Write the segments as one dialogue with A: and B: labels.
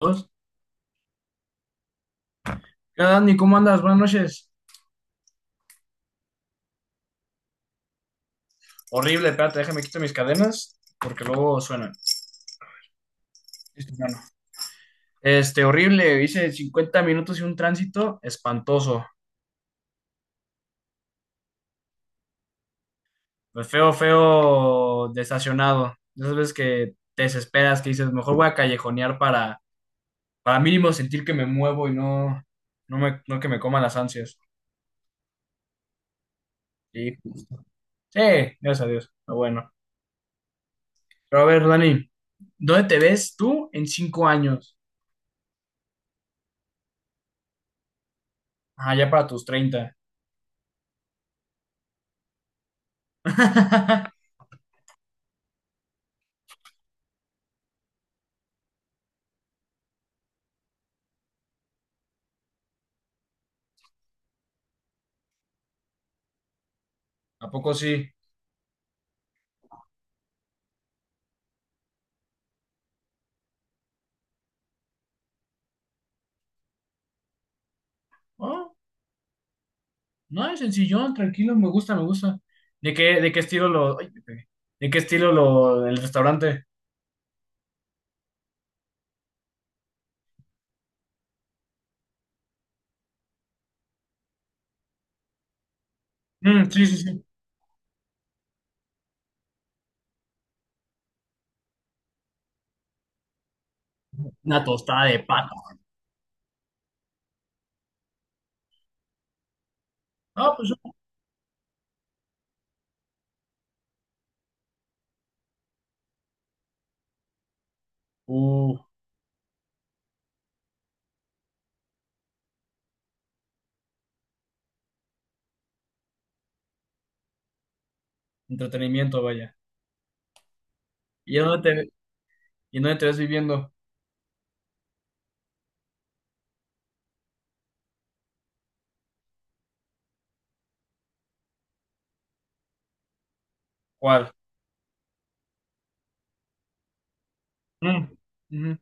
A: Dos. ¿Qué tal, Dani? ¿Cómo andas? Buenas noches. Horrible, espérate, déjame quito mis cadenas porque luego suenan. Listo, hermano. Horrible. Hice 50 minutos y un tránsito espantoso. Pues feo, feo, desestacionado. De esas veces que te desesperas, que dices, mejor voy a callejonear para mínimo sentir que me muevo y no que me coman las ansias. Sí, sí, gracias a Dios. Pero bueno. Pero a ver, Dani, ¿dónde te ves tú en 5 años? Ah, ya para tus 30. ¿A poco sí? Oh, no, es sencillón, tranquilo, me gusta, me gusta. ¿De qué estilo lo, ay, me pegué. ¿De qué estilo lo, el restaurante? Mm, sí, sí, sí. Una tostada de pata. Ah, pues, uh, entretenimiento, vaya. ¿Y en dónde te, y en dónde te ves viviendo? ¿Cuál? Mm, ujú.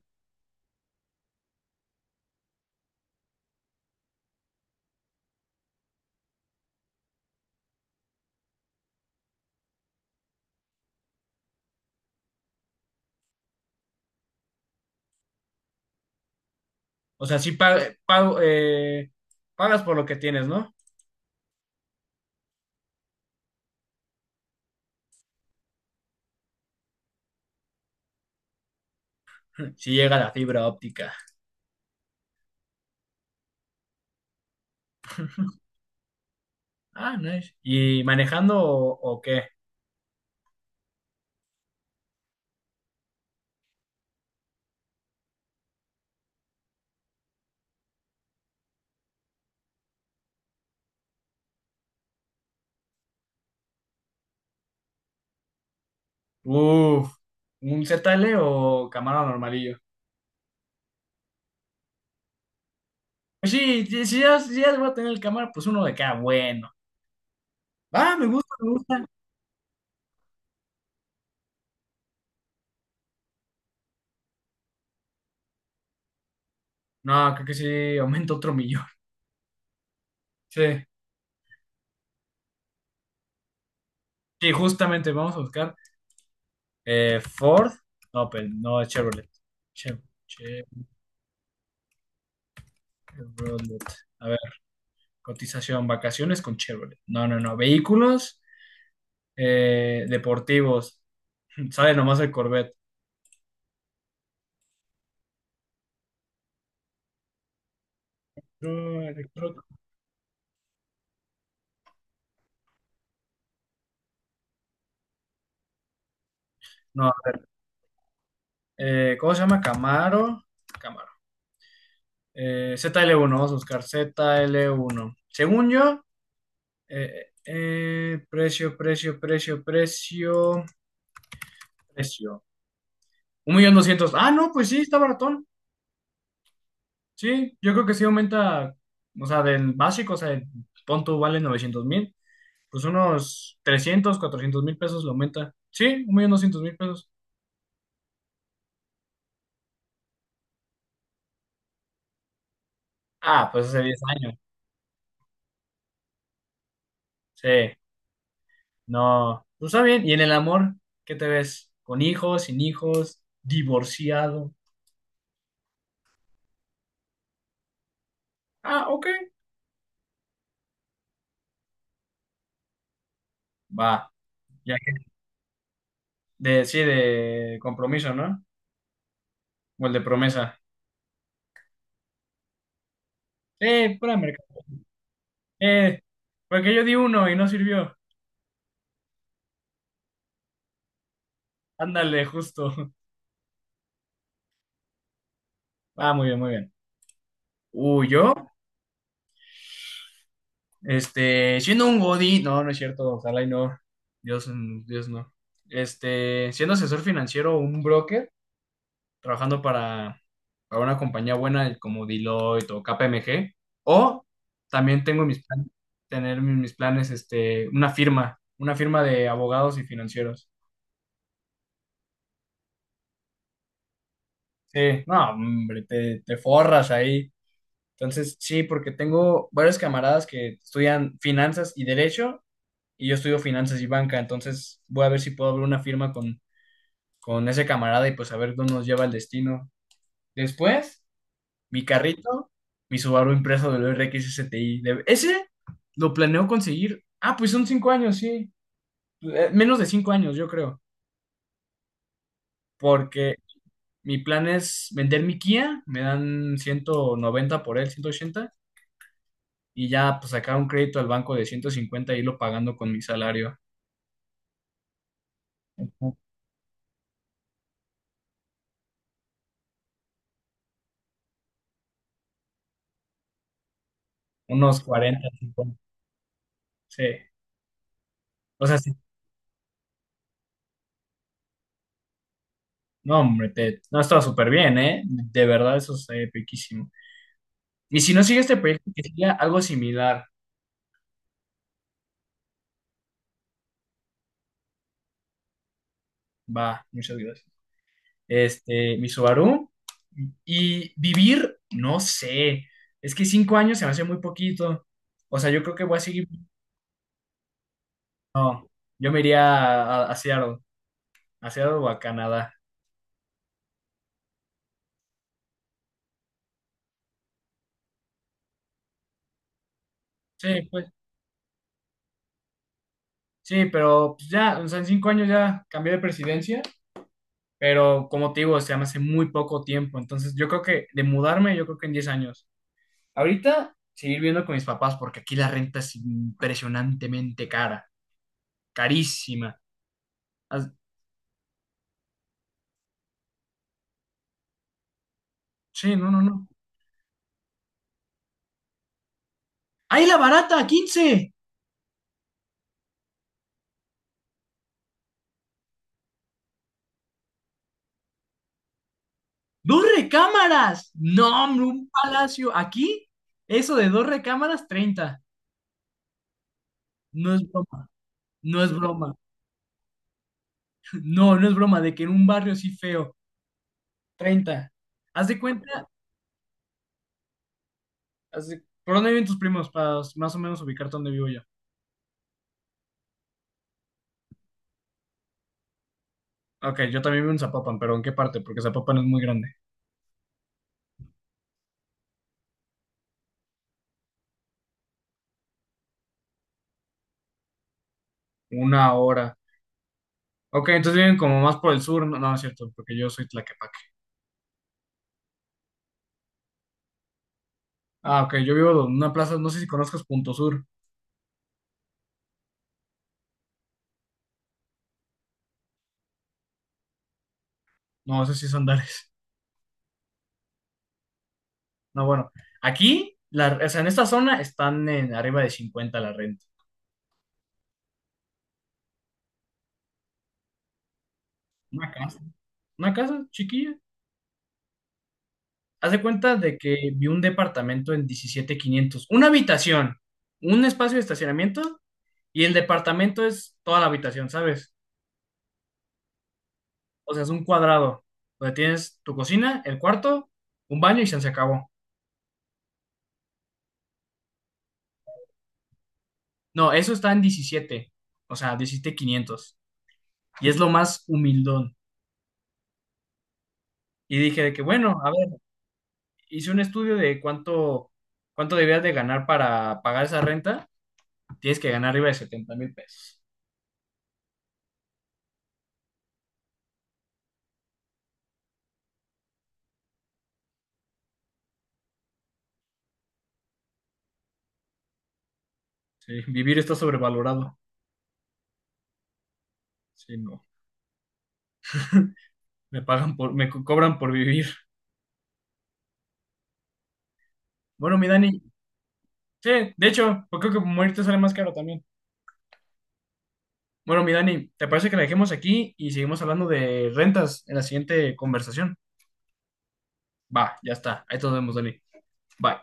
A: O sea, sí pago, pagas por lo que tienes, ¿no? Si llega la fibra óptica. Ah, nice. ¿Y manejando o qué? Uf, ¿un ZL o Camaro normalillo? Pues sí, sí, si ya voy a tener el cámara, pues uno de cada bueno. Ah, me gusta, me gusta. No, creo que sí, aumenta otro millón. Sí, sí, justamente vamos a buscar Ford. No, pero no, es Chevrolet. Chev- Chevrolet. A ver, cotización, vacaciones con Chevrolet. No, no, no. Vehículos deportivos. Sale nomás el Corvette. No, electro- no, a ver. ¿Cómo se llama? Camaro. Camaro. ZL1, vamos a buscar ZL1. Según yo. Precio, precio, precio, precio, precio. 1,200,000. Ah, no, pues sí, está baratón. Sí, yo creo que sí aumenta, o sea, del básico, o sea, el punto vale 900,000, pues unos 300 400 mil pesos lo aumenta. Sí, 1,200,000 pesos. Ah, pues hace 10 años. Sí, no, pues está bien. ¿Y en el amor, qué te ves? ¿Con hijos, sin hijos, divorciado? Ah, ok, va. Ya que, de, sí, de compromiso, ¿no? O el de promesa. Pura merca. Eh, porque yo di uno y no sirvió. Ándale, justo. Ah, muy bien, muy bien. Uy, yo, siendo un godín. No, no es cierto, ojalá y no. Dios, Dios no. Siendo asesor financiero o un broker, trabajando para una compañía buena como Deloitte o KPMG. O también tengo mis planes, tener mis planes, una firma de abogados y financieros. Sí, no, hombre, te forras ahí. Entonces, sí, porque tengo varios camaradas que estudian finanzas y derecho y yo estudio finanzas y banca, entonces voy a ver si puedo abrir una firma con ese camarada y pues a ver dónde nos lleva el destino. Después, mi carrito, mi Subaru impreso del RXSTI Ese lo planeo conseguir. Ah, pues son 5 años, sí. Menos de 5 años, yo creo, porque mi plan es vender mi Kia, me dan 190 por él, 180 y ya pues sacar un crédito al banco de 150 y irlo pagando con mi salario. Unos cuarenta 50. Sí. O sea, sí. No, hombre, no estaba súper bien, ¿eh? De verdad, eso es piquísimo. Y si no sigue este proyecto, que siga algo similar. Va, muchas gracias. Mi Subaru. Y vivir, no sé. Es que 5 años se me hace muy poquito. O sea, yo creo que voy a seguir. No, yo me iría a Seattle o a Canadá. Sí, pues. Sí, pero pues, ya, o sea, en 5 años ya cambié de presidencia, pero como te digo, o sea, me hace muy poco tiempo, entonces yo creo que de mudarme, yo creo que en 10 años. Ahorita seguir viviendo con mis papás porque aquí la renta es impresionantemente cara, carísima. As- Sí, no, no, no. ¡Ahí la barata, 15! ¡Dos recámaras! No, hombre, un palacio. Aquí, eso de dos recámaras, 30. No es broma, no es broma. No, no es broma, de que en un barrio así feo, 30. Haz de cuenta. Así, ¿por dónde viven tus primos? Para más o menos ubicarte dónde vivo yo. Ok, yo también vivo en Zapopan, pero ¿en qué parte? Porque Zapopan es muy grande. Una hora. Ok, entonces viven como más por el sur. No, no es cierto, porque yo soy Tlaquepaque. Ah, ok, yo vivo en una plaza, no sé si conozcas Punto Sur. No, ese sí es Andares. No, bueno. Aquí, o sea, en esta zona están en arriba de 50 la renta. Una casa. Una casa chiquilla. Haz de cuenta de que vi un departamento en 17,500. Una habitación, un espacio de estacionamiento. Y el departamento es toda la habitación, ¿sabes? O sea, es un cuadrado donde tienes tu cocina, el cuarto, un baño y se acabó. No, eso está en diecisiete, o sea, 17,500. Y es lo más humildón. Y dije de que, bueno, a ver, hice un estudio de cuánto debías de ganar para pagar esa renta. Tienes que ganar arriba de 70,000 pesos. Sí, vivir está sobrevalorado. Sí, no. Me cobran por vivir. Bueno, mi Dani, sí, de hecho, pues creo que morirte sale más caro también. Bueno, mi Dani, ¿te parece que la dejemos aquí y seguimos hablando de rentas en la siguiente conversación? Va, ya está. Ahí nos vemos, Dani. Bye.